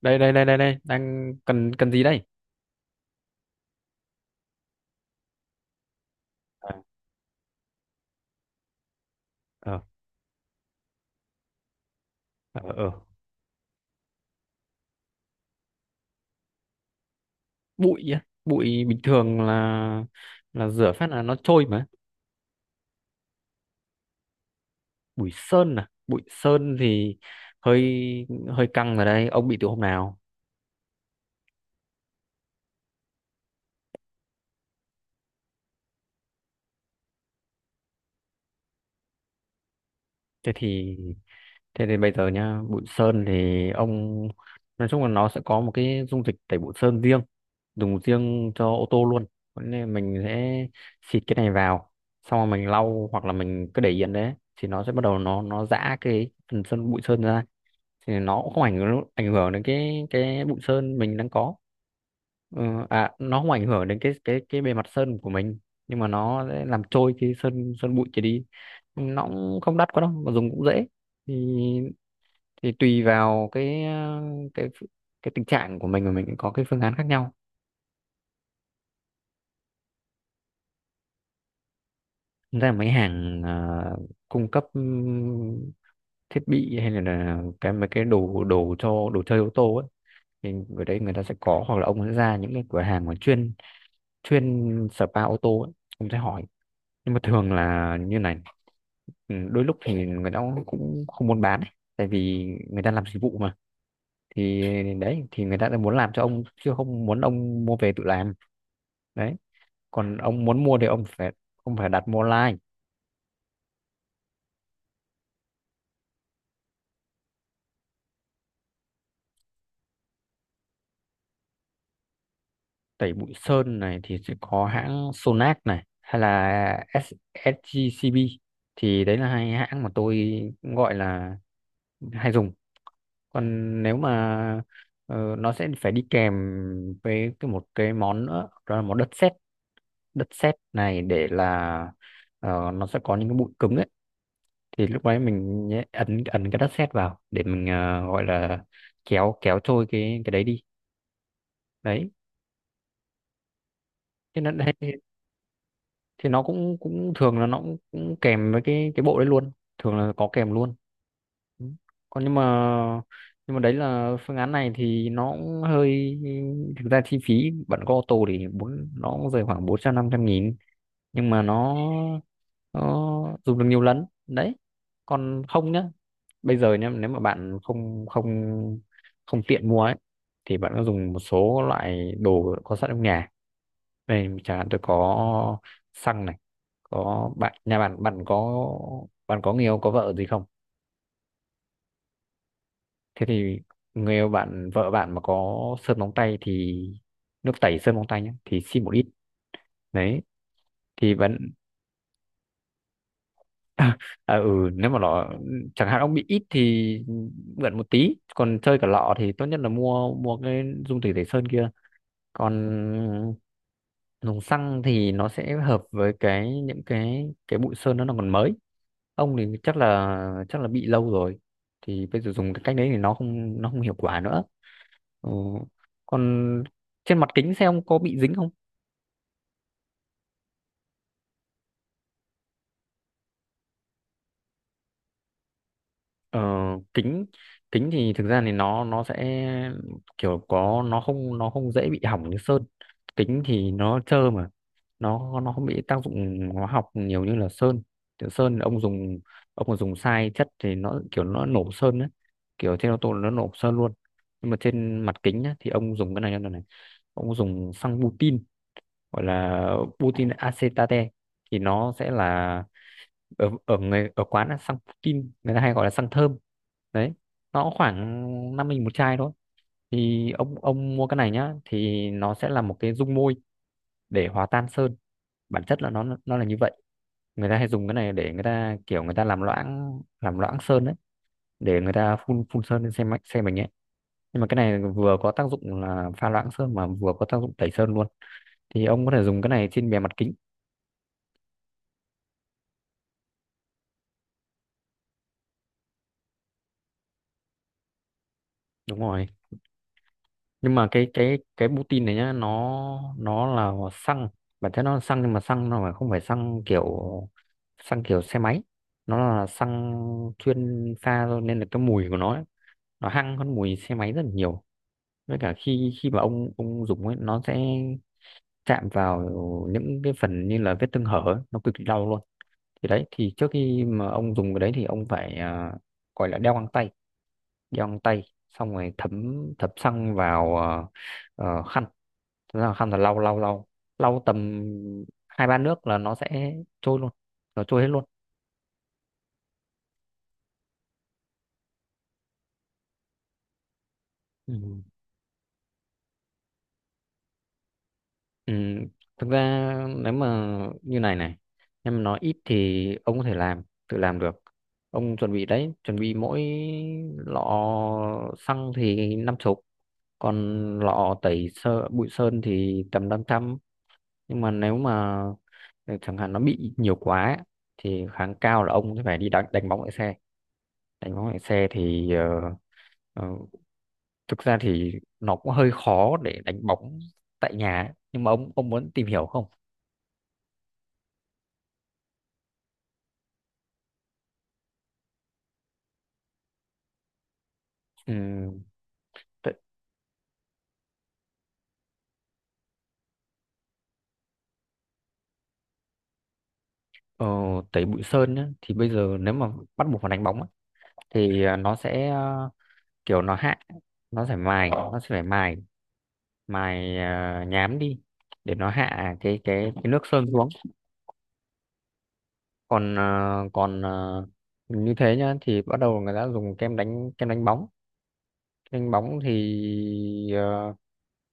Đây đây đây đây đây đang cần cần gì đây? à, ờ ờ ờ Bụi á. Bụi bình thường là rửa phát là nó trôi mà. Bụi sơn à? Bụi sơn thì hơi hơi căng ở đây. Ông bị từ hôm nào? thế thì Thế thì bây giờ nhá, bụi sơn thì ông nói chung là nó sẽ có một cái dung dịch tẩy bụi sơn riêng, dùng riêng cho ô tô luôn. Thế nên mình sẽ xịt cái này vào, xong rồi mình lau hoặc là mình cứ để yên đấy thì nó sẽ bắt đầu nó giã cái phần sơn bụi sơn ra. Thì nó cũng không ảnh hưởng đến cái bụi sơn mình đang có. Ừ, nó không ảnh hưởng đến cái bề mặt sơn của mình, nhưng mà nó sẽ làm trôi cái sơn sơn bụi kia đi. Nó cũng không đắt quá đâu mà dùng cũng dễ. Thì thì tùy vào cái cái cái tình trạng của mình mà mình có cái phương án khác nhau. Thật ra mấy hàng cung cấp thiết bị hay là cái mấy cái đồ đồ cho đồ chơi ô tô ấy, thì ở đấy người ta sẽ có, hoặc là ông sẽ ra những cái cửa hàng mà chuyên chuyên spa ô tô ấy, ông sẽ hỏi. Nhưng mà thường là như này, ừ, đôi lúc thì người ta cũng cũng không muốn bán ấy. Tại vì người ta làm dịch vụ mà, thì đấy, thì người ta đã muốn làm cho ông chứ không muốn ông mua về tự làm đấy. Còn ông muốn mua thì ông phải đặt mua online. Tẩy bụi sơn này thì sẽ có hãng Sonac này hay là SSGCB, thì đấy là hai hãng mà tôi gọi là hay dùng. Còn nếu mà nó sẽ phải đi kèm với cái một cái món nữa, đó là món đất sét. Đất sét này để là, nó sẽ có những cái bụi cứng ấy, thì lúc đấy mình ấn ấn cái đất sét vào để mình gọi là kéo kéo trôi cái đấy đi, đấy. Thế nó Thì nó cũng cũng thường là nó cũng kèm với cái bộ đấy luôn. Thường là có kèm luôn. Ừ. còn nhưng mà nhưng mà đấy là phương án này thì nó cũng hơi, thực ra chi phí bạn có ô tô thì nó cũng rơi khoảng 400-500 nghìn. Nhưng mà nó dùng được nhiều lần đấy. Còn không nhá, bây giờ nhá, nếu mà bạn không không không tiện mua ấy, thì bạn có dùng một số loại đồ có sẵn trong nhà. Đây chẳng hạn tôi có xăng này. Bạn, nhà bạn, bạn có người yêu, có vợ gì không? Thế thì người yêu bạn, vợ bạn mà có sơn móng tay thì nước tẩy sơn móng tay nhé, thì xin một ít đấy. Thì vẫn ừ, nếu mà nó, chẳng hạn ông bị ít thì mượn một tí, còn chơi cả lọ thì tốt nhất là mua mua cái dung tẩy tẩy sơn kia. Còn dùng xăng thì nó sẽ hợp với những cái bụi sơn đó nó còn mới. Ông thì chắc là bị lâu rồi, thì bây giờ dùng cái cách đấy thì nó không hiệu quả nữa. Ừ. Còn trên mặt kính xe ông có bị dính không? Ờ, kính kính thì thực ra thì nó sẽ kiểu có, nó không dễ bị hỏng như sơn. Kính thì nó trơ mà, nó không bị tác dụng hóa học nhiều như là sơn. Kiểu sơn ông dùng, ông mà dùng sai chất thì nó kiểu nó nổ sơn đấy, kiểu trên ô tô nó nổ sơn luôn. Nhưng mà trên mặt kính á, thì ông dùng cái này như này này: ông dùng xăng butin, gọi là Putin acetate, thì nó sẽ là ở ở người ở quán là xăng Putin, người ta hay gọi là xăng thơm đấy. Nó cũng khoảng 5 nghìn một chai thôi. Thì ông mua cái này nhá thì nó sẽ là một cái dung môi để hòa tan sơn. Bản chất là nó là như vậy. Người ta hay dùng cái này để người ta, kiểu người ta làm loãng sơn đấy, để người ta phun phun sơn lên xe máy, xe mình ấy. Nhưng mà cái này vừa có tác dụng là pha loãng sơn mà vừa có tác dụng tẩy sơn luôn. Thì ông có thể dùng cái này trên bề mặt kính. Đúng rồi. Nhưng mà cái Putin này nhá, nó là xăng. Bản chất nó là xăng nhưng mà xăng nó phải không phải xăng kiểu, xăng kiểu xe máy. Nó là xăng chuyên pha thôi nên là cái mùi của nó ấy, nó hăng hơn mùi xe máy rất là nhiều. Với cả khi, khi mà ông dùng ấy, nó sẽ chạm vào những cái phần như là vết thương hở ấy, nó cực kỳ đau luôn. Thì đấy, thì trước khi mà ông dùng cái đấy thì ông phải, gọi là đeo găng tay, giòn tay, xong rồi thấm thấm xăng vào khăn. Thế là khăn là lau lau lau lau tầm 2-3 nước là nó sẽ trôi luôn. Nó trôi hết luôn. Ừ. Ừ, thực ra nếu mà như này này, em nói ít thì ông có thể tự làm được. Ông chuẩn bị đấy, chuẩn bị mỗi lọ xăng thì 50, còn lọ tẩy bụi sơn thì tầm 500. Nhưng mà nếu mà chẳng hạn nó bị nhiều quá ấy, thì kháng cao là ông sẽ phải đi đánh bóng lại xe. Đánh bóng lại xe thì ờ, thực ra thì nó cũng hơi khó để đánh bóng tại nhà ấy. Nhưng mà ông muốn tìm hiểu không? Ừ, tại, ờ, tẩy bụi sơn nhá, thì bây giờ nếu mà bắt buộc phải đánh bóng ấy, thì nó sẽ, kiểu nó hạ, nó sẽ phải mài mài nhám đi, để nó hạ cái nước sơn xuống. còn à, còn à, Như thế nhá, thì bắt đầu người ta dùng kem đánh bóng. Đánh bóng thì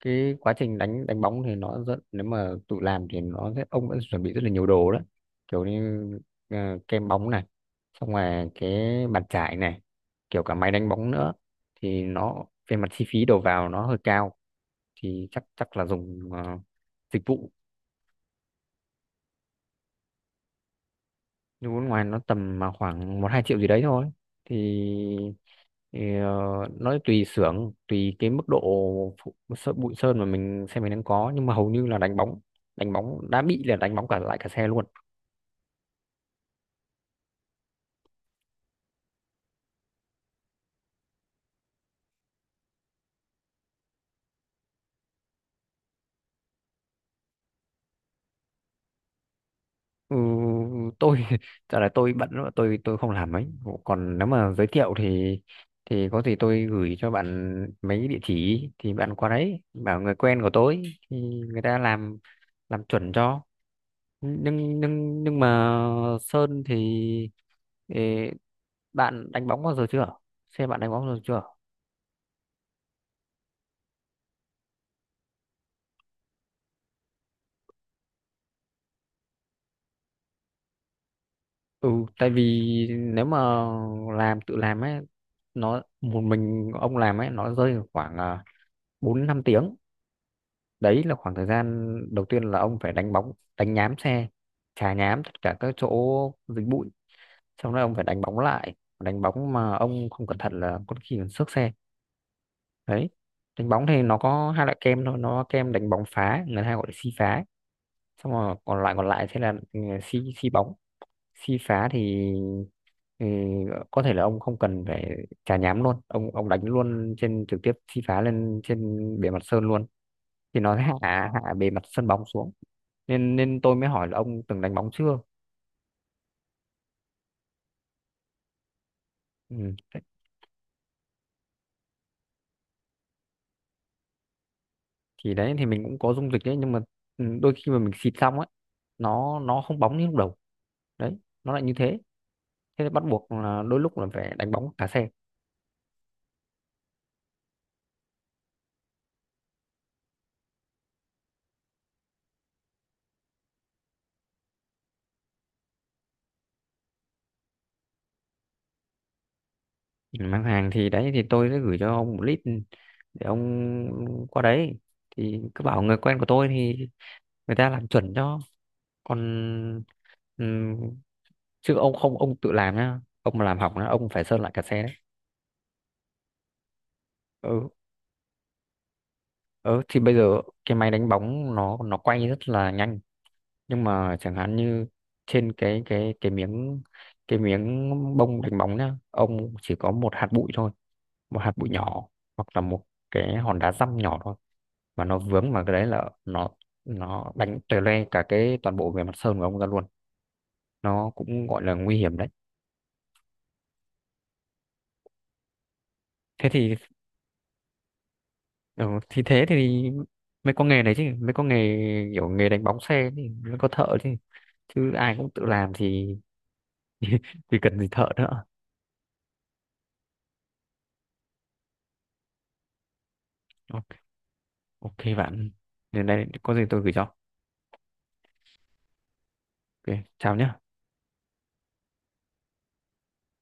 cái quá trình đánh đánh bóng thì nó rất, nếu mà tự làm thì nó sẽ, ông đã chuẩn bị rất là nhiều đồ đó, kiểu như kem bóng này, xong rồi cái bàn chải này, kiểu cả máy đánh bóng nữa. Thì nó về mặt chi phí đầu vào nó hơi cao, thì chắc chắc là dùng dịch vụ. Du nước ngoài nó tầm mà khoảng 1-2 triệu gì đấy thôi. Thì, thì Nó tùy xưởng, tùy cái mức độ bụi sơn mà xe mình đang có. Nhưng mà hầu như là đánh bóng đã bị là đánh bóng lại cả xe luôn. Ừ, tôi trả lời tôi bận lắm, tôi không làm ấy. Còn nếu mà giới thiệu thì, có gì tôi gửi cho bạn mấy địa chỉ, thì bạn qua đấy bảo người quen của tôi, thì người ta làm chuẩn cho. Nhưng mà sơn thì, ê, bạn đánh bóng bao giờ chưa? Xem bạn đánh bóng bao giờ chưa. Ừ, tại vì nếu mà tự làm ấy, nó một mình ông làm ấy, nó rơi vào khoảng 4-5 tiếng. Đấy là khoảng thời gian đầu tiên là ông phải đánh bóng, đánh nhám xe, chà nhám tất cả các chỗ dính bụi, xong rồi ông phải đánh bóng lại. Đánh bóng mà ông không cẩn thận là có khi còn xước xe đấy. Đánh bóng thì nó có hai loại kem thôi. Nó có kem đánh bóng phá, người ta hay gọi là si phá, xong rồi còn lại sẽ là ừ, si si bóng. Si phá thì ừ, có thể là ông không cần phải chà nhám luôn, ông đánh luôn trên, trực tiếp si phá lên trên bề mặt sơn luôn. Thì nó sẽ hạ hạ bề mặt sân bóng xuống. Nên nên tôi mới hỏi là ông từng đánh bóng chưa. Ừ. Đấy, đấy thì mình cũng có dung dịch đấy nhưng mà ừ, đôi khi mà mình xịt xong ấy, nó không bóng như lúc đầu đấy, nó lại như thế. Thế bắt buộc là đôi lúc là phải đánh bóng cả xe. Ừ, mang hàng thì đấy thì tôi sẽ gửi cho ông 1 lít để ông qua đấy thì cứ bảo người quen của tôi, thì người ta làm chuẩn cho. Còn ừm, chứ ông không ông tự làm nhá, ông mà làm hỏng nhá, ông phải sơn lại cả xe đấy. Ừ ừ, thì bây giờ cái máy đánh bóng nó quay rất là nhanh. Nhưng mà chẳng hạn như trên cái miếng bông đánh bóng nhá, ông chỉ có một hạt bụi thôi, một hạt bụi nhỏ, hoặc là một cái hòn đá dăm nhỏ thôi, mà nó vướng vào cái đấy là nó đánh tè loe cả cái toàn bộ bề mặt sơn của ông ra luôn. Nó cũng gọi là nguy hiểm đấy. Thế thì Ừ, thì thế thì mới có nghề đấy chứ, mới có nghề, kiểu nghề đánh bóng xe thì mới có thợ chứ. Chứ ai cũng tự làm thì thì cần gì thợ nữa. Ok bạn, đến đây có gì tôi gửi cho. Ok, chào nhé.